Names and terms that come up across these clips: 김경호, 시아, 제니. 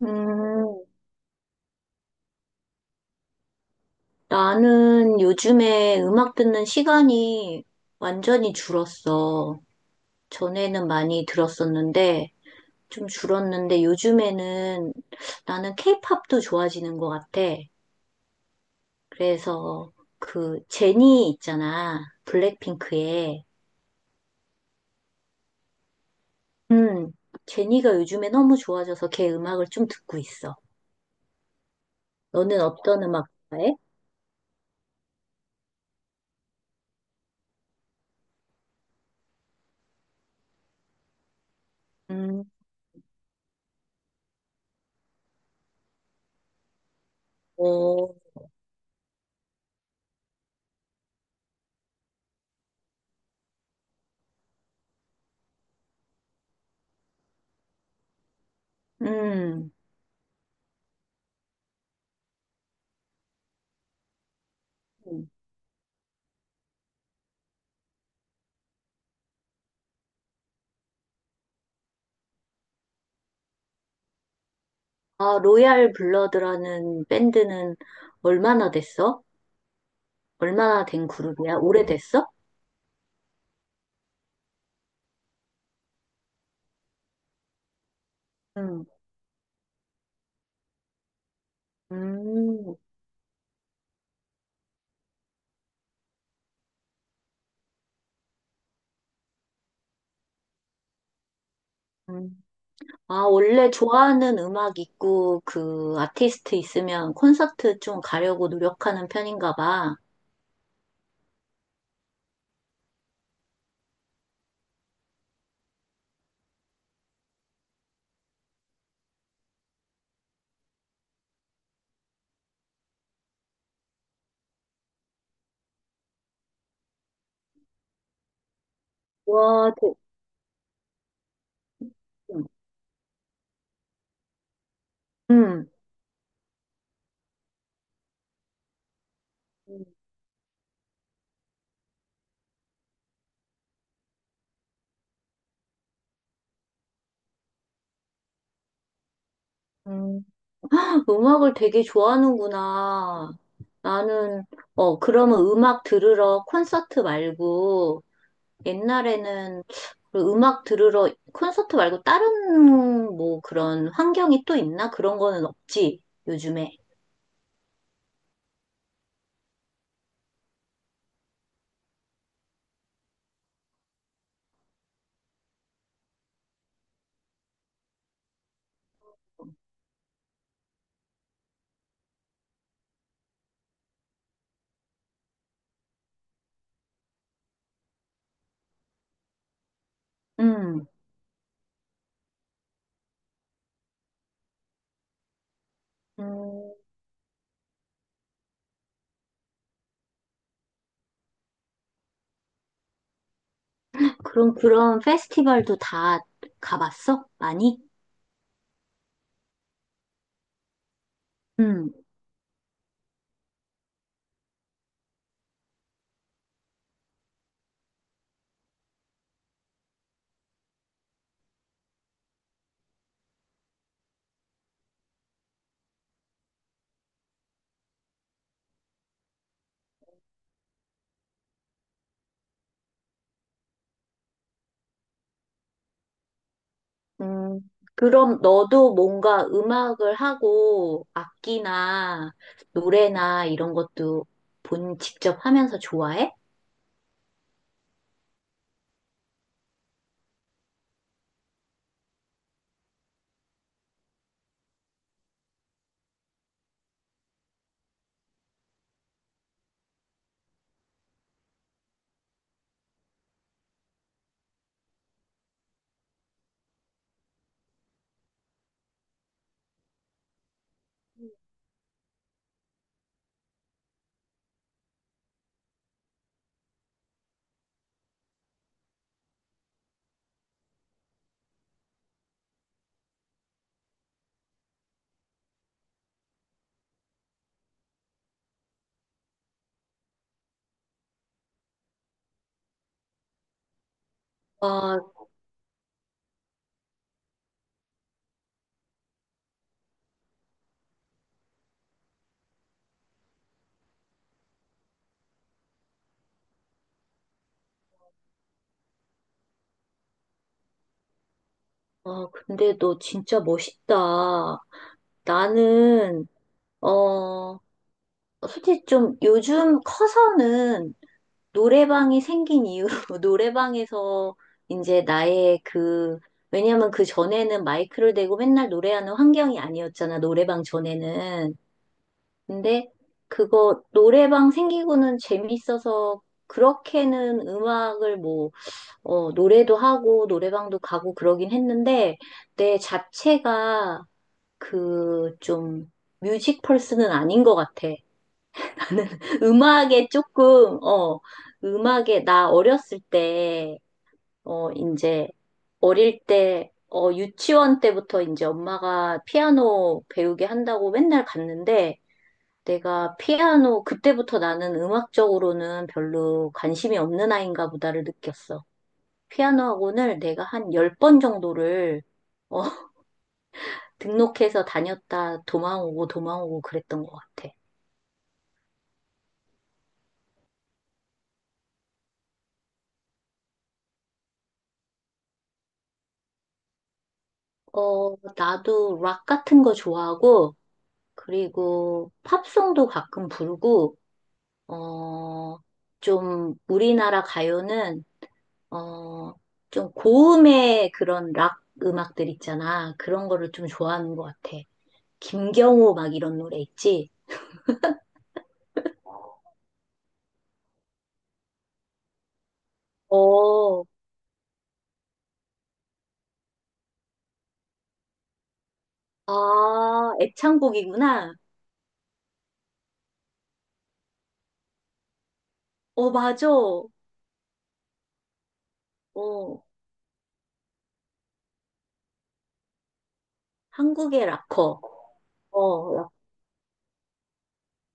음, 나는 요즘에 음악 듣는 시간이 완전히 줄었어. 전에는 많이 들었었는데, 좀 줄었는데, 요즘에는 나는 케이팝도 좋아지는 것 같아. 그래서 그 제니 있잖아. 블랙핑크의. 음, 제니가 요즘에 너무 좋아져서 걔 음악을 좀 듣고 있어. 너는 어떤 음악 좋아해? 음. 어, 음. 아, 로얄 블러드라는 밴드는 얼마나 됐어? 얼마나 된 그룹이야? 오래됐어? 응. 음. 음. 아, 원래 좋아하는 음악 있고 그 아티스트 있으면 콘서트 좀 가려고 노력하는 편인가 봐. 와, 대, 음. 음. 음. 음악을 되게 좋아하는구나. 나는, 그러면 음악 들으러 콘서트 말고 옛날에는 그 음악 들으러 콘서트 말고 다른 뭐 그런 환경이 또 있나? 그런 거는 없지, 요즘에. 음. 음. 그럼 그런 페스티벌도 다 가봤어? 많이? 음. 음. 그럼 너도 뭔가 음악을 하고 악기나 노래나 이런 것도 본 직접 하면서 좋아해? 아, 아, 근데 너 진짜 멋있다. 나는, 어, 솔직히 좀 요즘 커서는 노래방이 생긴 이유, 노래방에서 이제 나의 그, 왜냐면 그 전에는 마이크를 대고 맨날 노래하는 환경이 아니었잖아, 노래방 전에는. 근데 그거 노래방 생기고는 재밌어서 그렇게는 음악을 뭐, 노래도 하고 노래방도 가고 그러긴 했는데 내 자체가 그 좀 뮤직 펄스는 아닌 것 같아. 음악에 조금, 어, 음악에, 나 어렸을 때, 어, 이제, 어릴 때, 어, 유치원 때부터 이제 엄마가 피아노 배우게 한다고 맨날 갔는데, 내가 피아노, 그때부터 나는 음악적으로는 별로 관심이 없는 아이인가 보다를 느꼈어. 피아노 학원을 내가 한 10번 정도를, 어, 등록해서 다녔다, 도망오고 도망오고 그랬던 것 같아. 어, 나도 락 같은 거 좋아하고, 그리고 팝송도 가끔 부르고, 어, 좀 우리나라 가요는, 어, 좀 고음의 그런 락 음악들 있잖아. 그런 거를 좀 좋아하는 것 같아. 김경호 막 이런 노래 있지? 어, 아, 애창곡이구나. 어, 맞아. 어, 한국의 락커. 어, 락-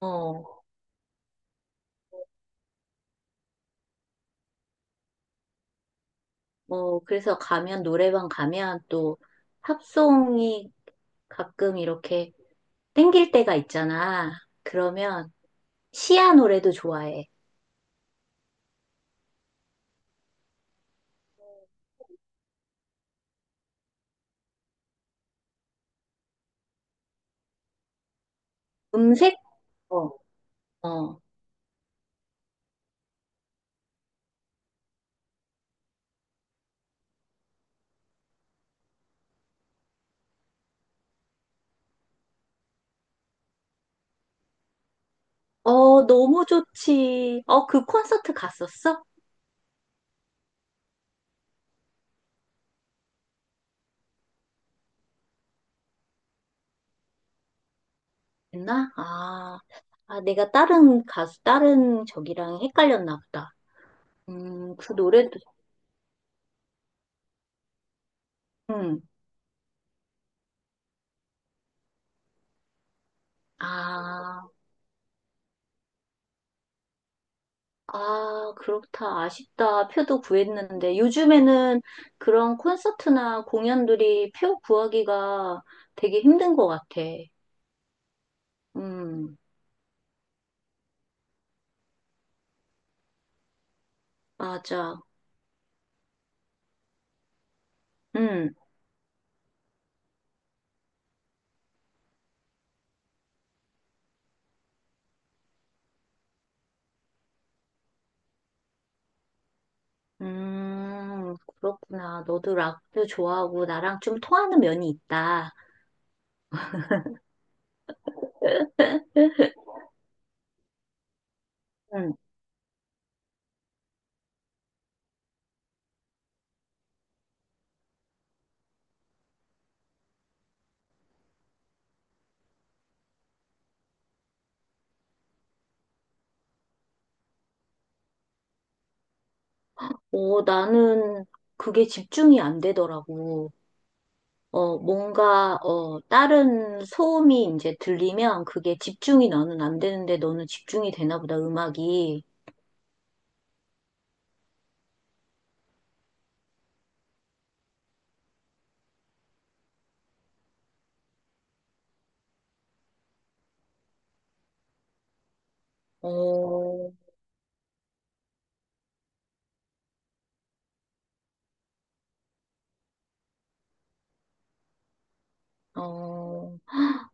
어, 어, 그래서 가면, 노래방 가면 또 팝송이 가끔 이렇게 땡길 때가 있잖아. 그러면 시아 노래도 좋아해. 음색? 어, 어. 어, 너무 좋지. 어, 그 콘서트 갔었어? 했나? 아, 아, 내가 다른 가수, 다른 저기랑 헷갈렸나 보다. 그 노래도, 음. 아, 아, 그렇다. 아쉽다. 표도 구했는데. 요즘에는 그런 콘서트나 공연들이 표 구하기가 되게 힘든 것 같아. 음, 맞아. 음. 음, 그렇구나. 너도 락도 좋아하고 나랑 좀 통하는 면이 있다. 네? 응. 어, 나는 그게 집중이 안 되더라고. 어, 뭔가, 어, 다른 소음이 이제 들리면 그게 집중이 나는 안 되는데 너는 집중이 되나 보다, 음악이. 어, 어,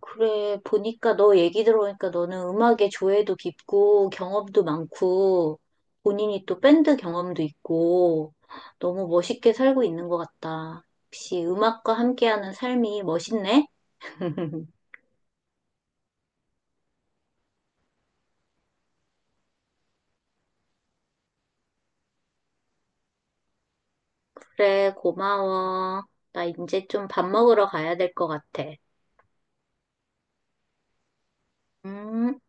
그래, 보니까 너 얘기 들어보니까 너는 음악에 조예도 깊고 경험도 많고 본인이 또 밴드 경험도 있고 너무 멋있게 살고 있는 것 같다. 역시 음악과 함께하는 삶이 멋있네? 그래, 고마워. 나 이제 좀 밥 먹으러 가야 될 것 같아. 음.